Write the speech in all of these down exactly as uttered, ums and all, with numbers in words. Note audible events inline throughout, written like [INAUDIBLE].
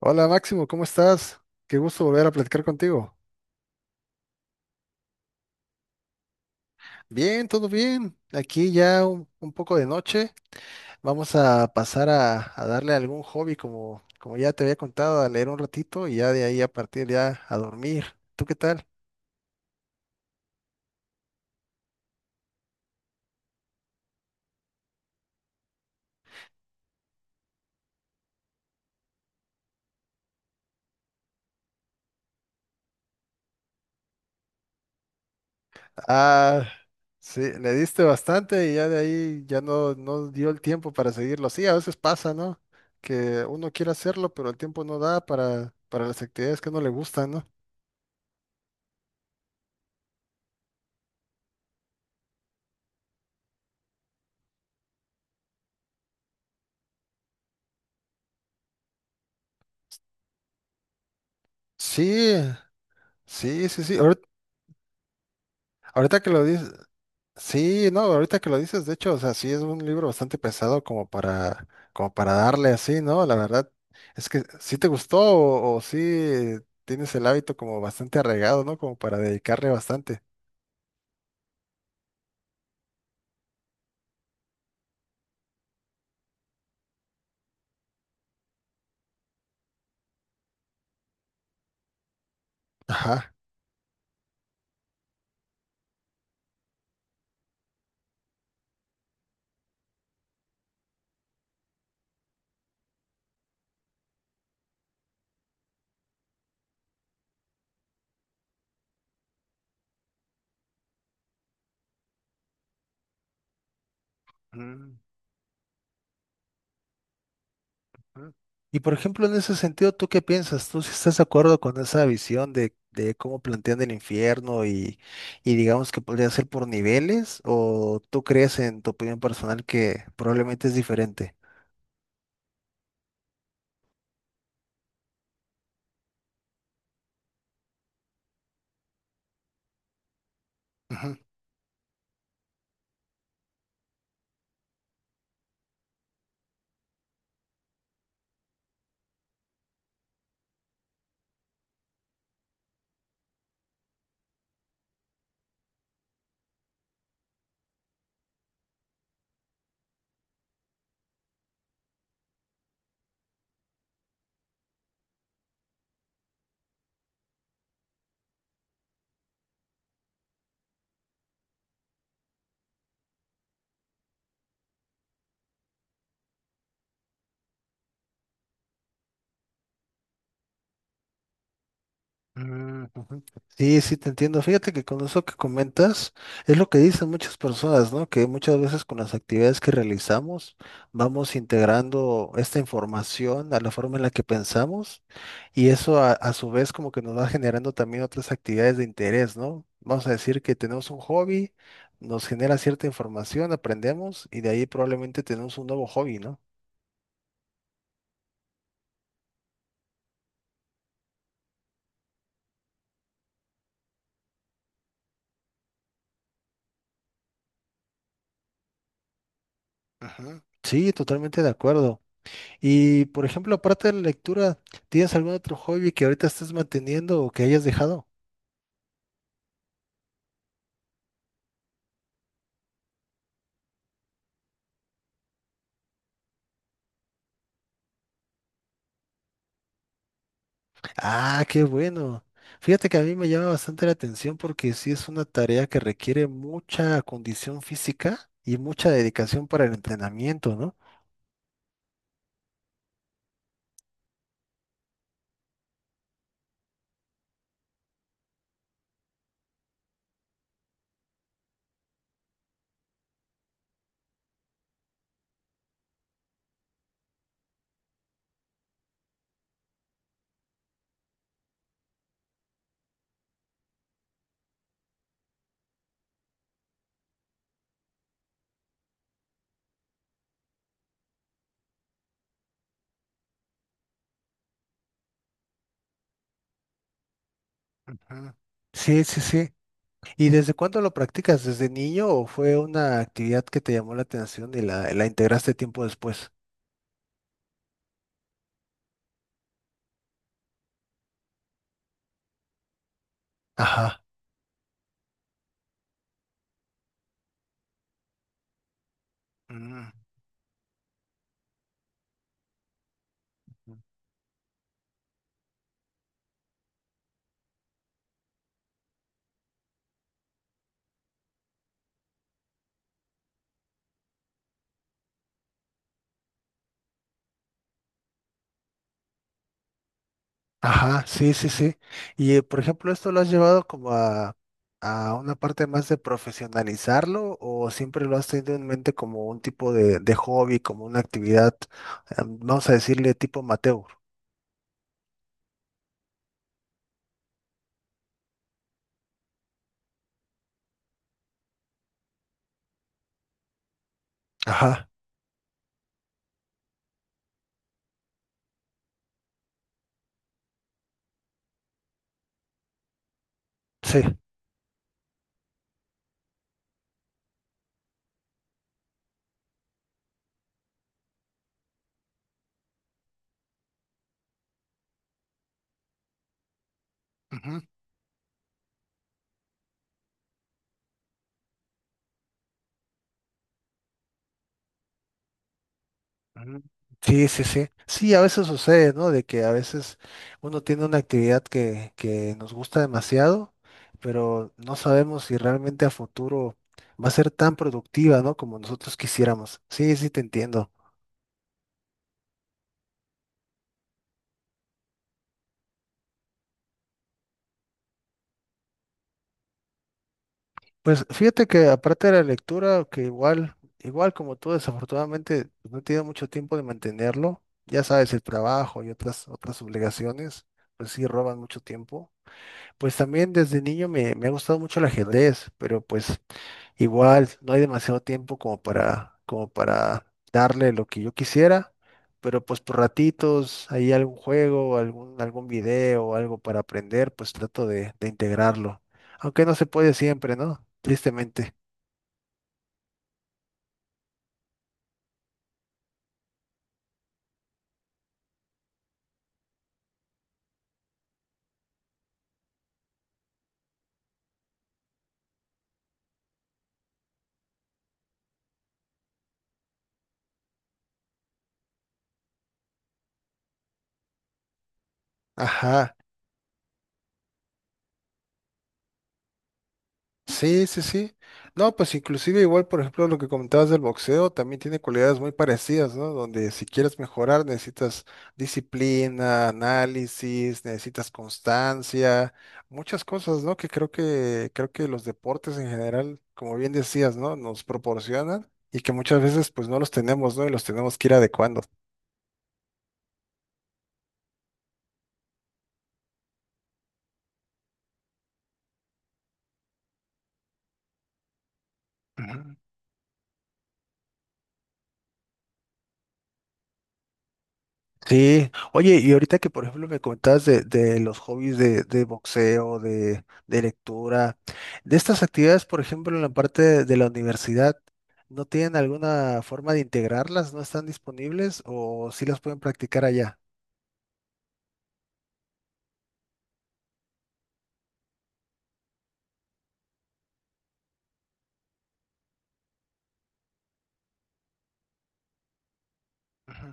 Hola, Máximo, ¿cómo estás? Qué gusto volver a platicar contigo. Bien, todo bien. Aquí ya un, un poco de noche. Vamos a pasar a, a darle algún hobby como, como ya te había contado, a leer un ratito y ya de ahí a partir ya a dormir. ¿Tú qué tal? Ah, sí, le diste bastante y ya de ahí ya no, no dio el tiempo para seguirlo. Sí, a veces pasa, ¿no? Que uno quiere hacerlo, pero el tiempo no da para, para las actividades que no le gustan, ¿no? Sí, sí, sí, sí. Ahorita, ahorita que lo dices. Sí, no, ahorita que lo dices, de hecho, o sea, sí es un libro bastante pesado como para, como para darle así, ¿no? La verdad, es que sí te gustó o, o sí tienes el hábito como bastante arraigado, ¿no? Como para dedicarle bastante. Ajá. Mm, mm. Y por ejemplo, en ese sentido, ¿tú qué piensas? ¿Tú sí estás de acuerdo con esa visión de, de cómo plantean el infierno y, y digamos que podría ser por niveles? ¿O tú crees en tu opinión personal que probablemente es diferente? Mm, ujú. Sí, sí, te entiendo. Fíjate que con eso que comentas es lo que dicen muchas personas, ¿no? Que muchas veces con las actividades que realizamos vamos integrando esta información a la forma en la que pensamos y eso a, a su vez como que nos va generando también otras actividades de interés, ¿no? Vamos a decir que tenemos un hobby, nos genera cierta información, aprendemos y de ahí probablemente tenemos un nuevo hobby, ¿no? Ujú. Sí, totalmente de acuerdo. Y, por ejemplo, aparte de la lectura, ¿tienes algún otro hobby que ahorita estés manteniendo o que hayas dejado? Ah, qué bueno. Fíjate que a mí me llama bastante la atención porque sí es una tarea que requiere mucha condición física y mucha dedicación para el entrenamiento, ¿no? Ujú. Sí, sí, sí. ¿Y desde cuándo lo practicas? ¿Desde niño o fue una actividad que te llamó la atención y la, la integraste tiempo después? Ajá. Mm. Ajá, sí, sí, sí. Y eh, por ejemplo, ¿esto lo has llevado como a, a una parte más de profesionalizarlo o siempre lo has tenido en mente como un tipo de, de hobby, como una actividad, eh, vamos a decirle tipo amateur? Ajá, sí. Ujú, ujú. Sí, sí, sí. Sí, a veces sucede, ¿no? De que a veces uno tiene una actividad que, que nos gusta demasiado, pero no sabemos si realmente a futuro va a ser tan productiva, ¿no? Como nosotros quisiéramos. Sí, sí, te entiendo. Pues fíjate que aparte de la lectura, que igual, igual como tú, desafortunadamente pues, no he tenido mucho tiempo de mantenerlo, ya sabes, el trabajo y otras, otras obligaciones, pues sí roban mucho tiempo. Pues también desde niño me, me ha gustado mucho el ajedrez, pero pues igual, no hay demasiado tiempo como para, como para darle lo que yo quisiera, pero pues por ratitos, hay algún juego, algún, algún video, algo para aprender, pues trato de, de integrarlo. Aunque no se puede siempre, ¿no? Tristemente. Ajá. Sí, sí, sí. No, pues inclusive igual, por ejemplo, lo que comentabas del boxeo también tiene cualidades muy parecidas, ¿no? Donde si quieres mejorar necesitas disciplina, análisis, necesitas constancia, muchas cosas, ¿no? Que creo que creo que los deportes en general, como bien decías, ¿no? Nos proporcionan y que muchas veces pues no los tenemos, ¿no? Y los tenemos que ir adecuando. Ujú. Sí, oye, y ahorita que por ejemplo me comentabas de, de los hobbies de, de boxeo, de, de lectura, de estas actividades, por ejemplo, en la parte de, de la universidad, ¿no tienen alguna forma de integrarlas? ¿No están disponibles o sí las pueden practicar allá? Ujú.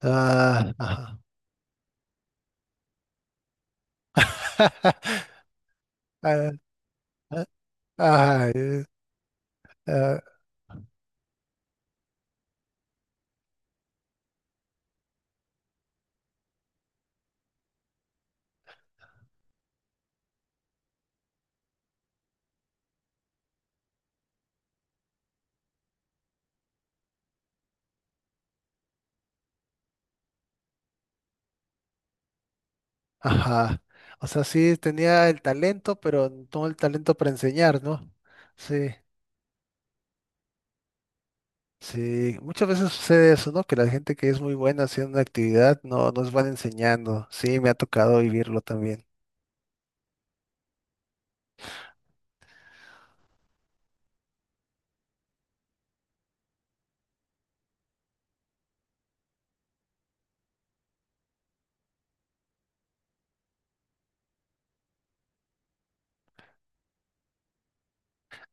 Ah, ajá. [LAUGHS] Ah, ah, ah, eh, ah, ajá. O sea, sí tenía el talento, pero no el talento para enseñar, ¿no? Sí. Sí, muchas veces sucede eso, ¿no? Que la gente que es muy buena haciendo una actividad no, no es buena enseñando. Sí, me ha tocado vivirlo también.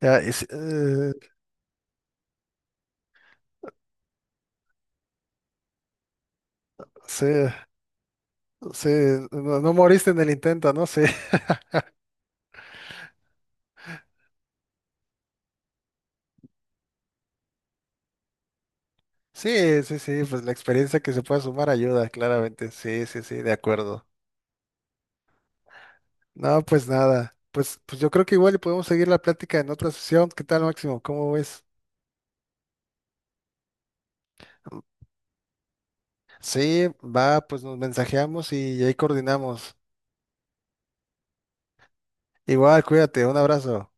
Ya, es- eh, sí, sí, no, no moriste en el intento, ¿no? Sí, [LAUGHS] sí, sí, sí, pues la experiencia que se pueda sumar ayuda, claramente. Sí, sí, sí, de acuerdo. No, pues nada, pues, pues yo creo que igual y podemos seguir la plática en otra sesión. ¿Qué tal, Máximo? ¿Cómo ves? Sí, va, pues nos mensajeamos y ahí coordinamos. Igual, cuídate, un abrazo.